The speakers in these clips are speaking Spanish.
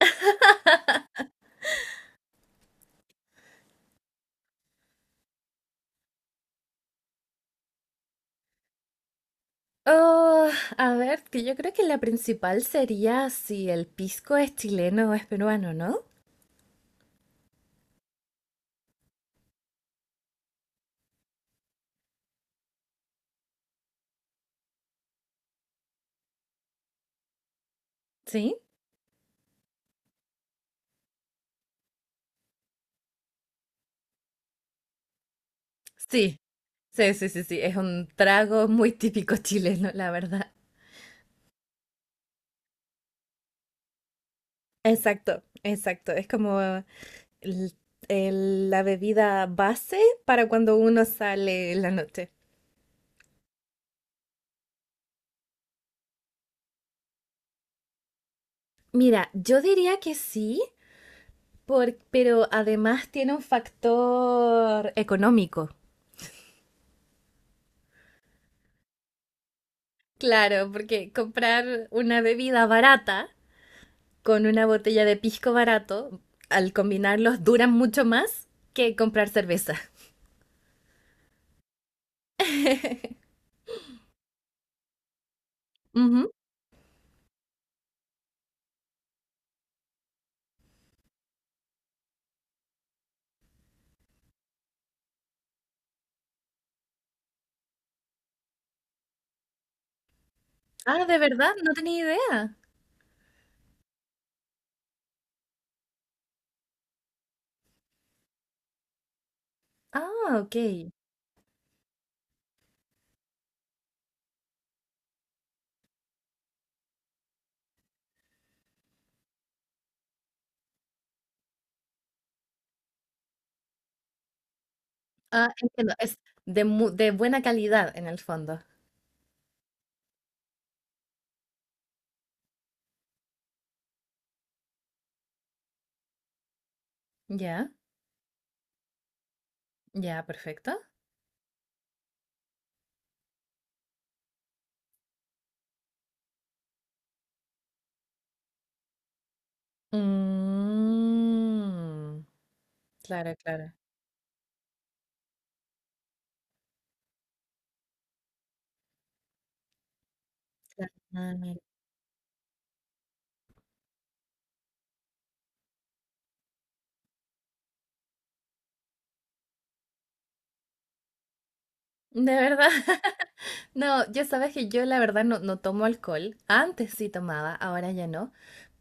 Oh, a ver, que yo creo que la principal sería si el pisco es chileno o es peruano, ¿no? ¿Sí? Sí, sí, es un trago muy típico chileno, la verdad. Exacto, exacto. Es como el- la bebida base para cuando uno sale en la noche. Mira, yo diría que sí, pero además tiene un factor económico. Claro, porque comprar una bebida barata con una botella de pisco barato, al combinarlos duran mucho más que comprar cerveza. Ujú. Ah, ¿de verdad? No tenía idea. Ah, ok. Ah, entiendo. Es de buena calidad en el fondo. Ya, ya, perfecto. Mm, claro, claro. Claro. ¿De verdad? No, ya sabes que yo la verdad no tomo alcohol. Antes sí tomaba, ahora ya no.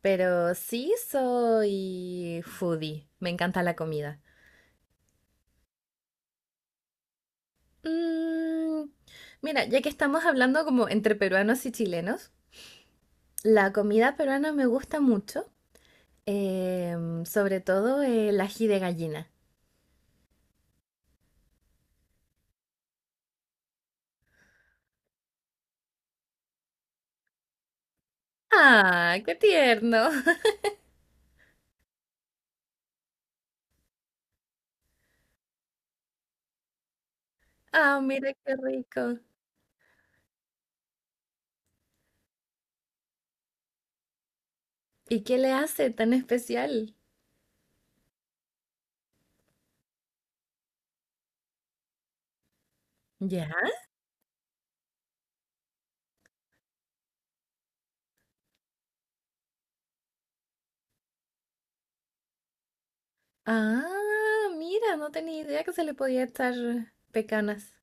Pero sí soy foodie. Me encanta la comida. Mm, mira, ya que estamos hablando como entre peruanos y chilenos, la comida peruana me gusta mucho. Sobre todo el ají de gallina. ¡Ah, qué tierno! ¡Ah, mira qué rico! ¿Y qué le hace tan especial? Ya. Ah, mira, no tenía idea que se le podía echar pecanas.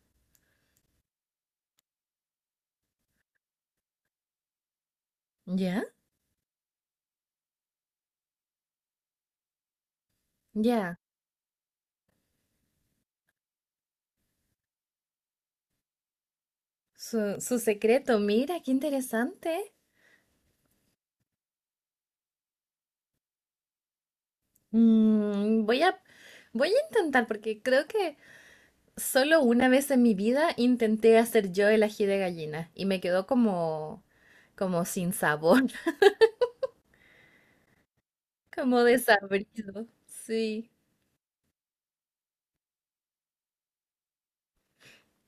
¿Ya? Ya. Su secreto, mira, qué interesante. Mm, voy a, voy a intentar porque creo que solo una vez en mi vida intenté hacer yo el ají de gallina y me quedó como sin sabor, como desabrido. Sí.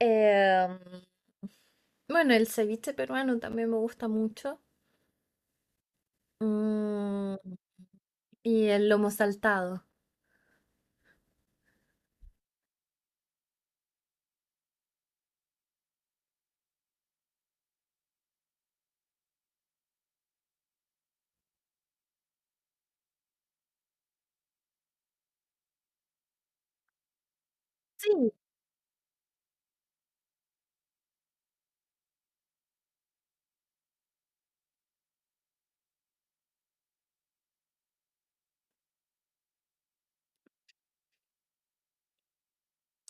Em, bueno, el ceviche peruano también me gusta mucho. Mm, y el lomo saltado. Sí,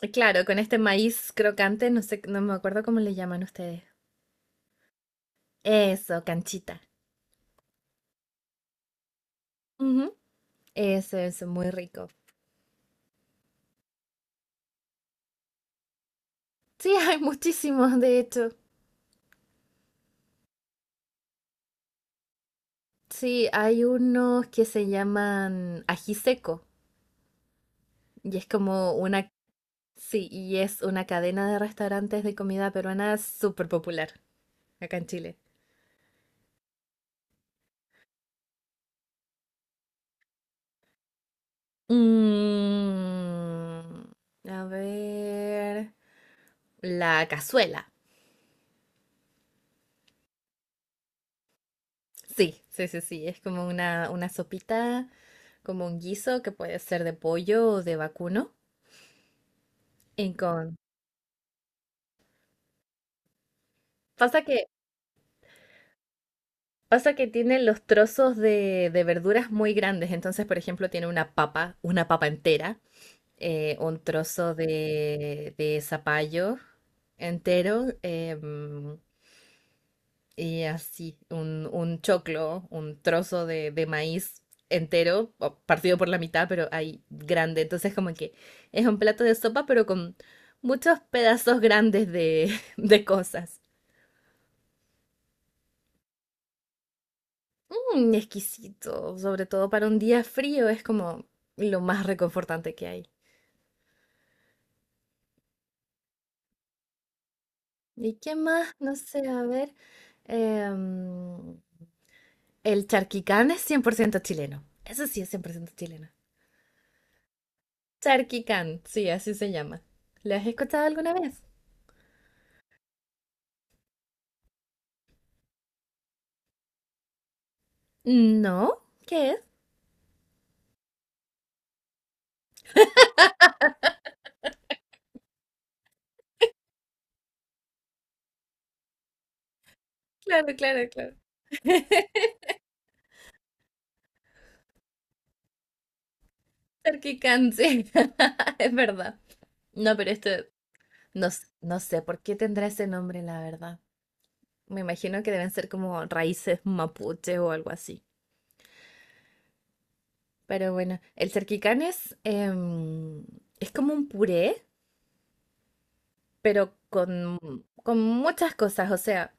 claro, con este maíz crocante, no sé, no me acuerdo cómo le llaman ustedes. Eso, canchita. Ujú, eso, muy rico. Sí, hay muchísimos, de hecho. Sí, hay unos que se llaman ají seco y es sí, y es una cadena de restaurantes de comida peruana súper popular acá en Chile. Mm, a ver, la cazuela. Sí, es como una sopita, como un guiso que puede ser de pollo o de vacuno. Y con... Pasa que, pasa que tiene los trozos de verduras muy grandes. Entonces, por ejemplo, tiene una papa entera, un trozo de zapallo entero, y así, un choclo, un trozo de maíz entero, o partido por la mitad, pero ahí grande. Entonces, como que es un plato de sopa, pero con muchos pedazos grandes de, de cosas. Mm, exquisito, sobre todo para un día frío, es como lo más reconfortante que hay. ¿Y qué más? No sé, a ver. em, el charquicán es 100% chileno. Eso sí es 100% chileno. Charky Khan, sí, así se llama. ¿Lo has escuchado alguna vez? No, ¿qué es? Claro, claro, claro. Charky Khan, sí, es verdad. No, pero esto, no, s- no sé por qué tendrá ese nombre, la verdad. Me imagino que deben ser como raíces mapuche o algo así. Pero bueno, el cerquicán es, es como un puré, pero con muchas cosas. O sea,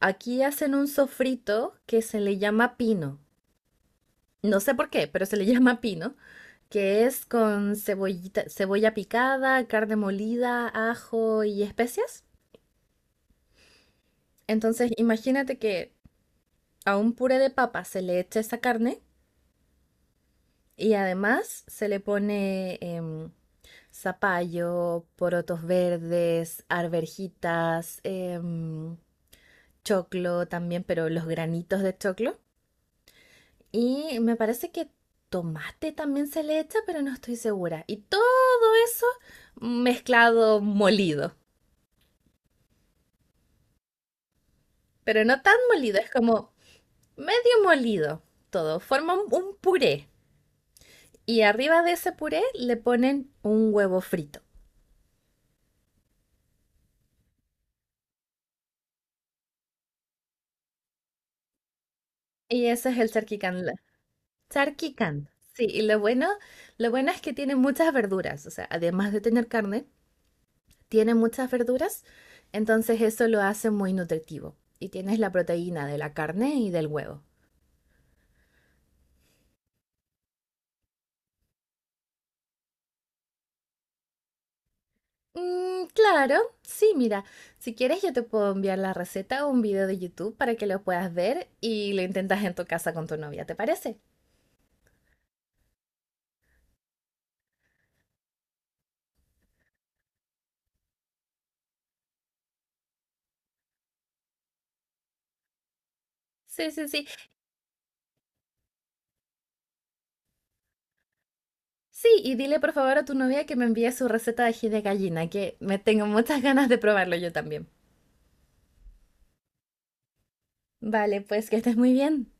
aquí hacen un sofrito que se le llama pino. No sé por qué, pero se le llama pino, que es con cebollita, cebolla picada, carne molida, ajo y especias. Entonces, imagínate que a un puré de papa se le echa esa carne y además se le pone zapallo, porotos verdes, arvejitas, choclo también, pero los granitos de choclo. Y me parece que tomate también se le echa, pero no estoy segura. Y todo eso mezclado, molido. Pero no tan molido, es como medio molido todo. Forma un puré. Y arriba de ese puré le ponen un huevo frito. Y eso es el charquicán. Charquicán. Sí, y lo bueno es que tiene muchas verduras. O sea, además de tener carne, tiene muchas verduras. Entonces eso lo hace muy nutritivo. Y tienes la proteína de la carne y del huevo. Claro, sí, mira, si quieres yo te puedo enviar la receta o un video de YouTube para que lo puedas ver y lo intentas en tu casa con tu novia, ¿te parece? Sí, sí, sí. Sí, y dile por favor a tu novia que me envíe su receta de ají de gallina, que me tengo muchas ganas de probarlo yo también. Vale, pues que estés muy bien.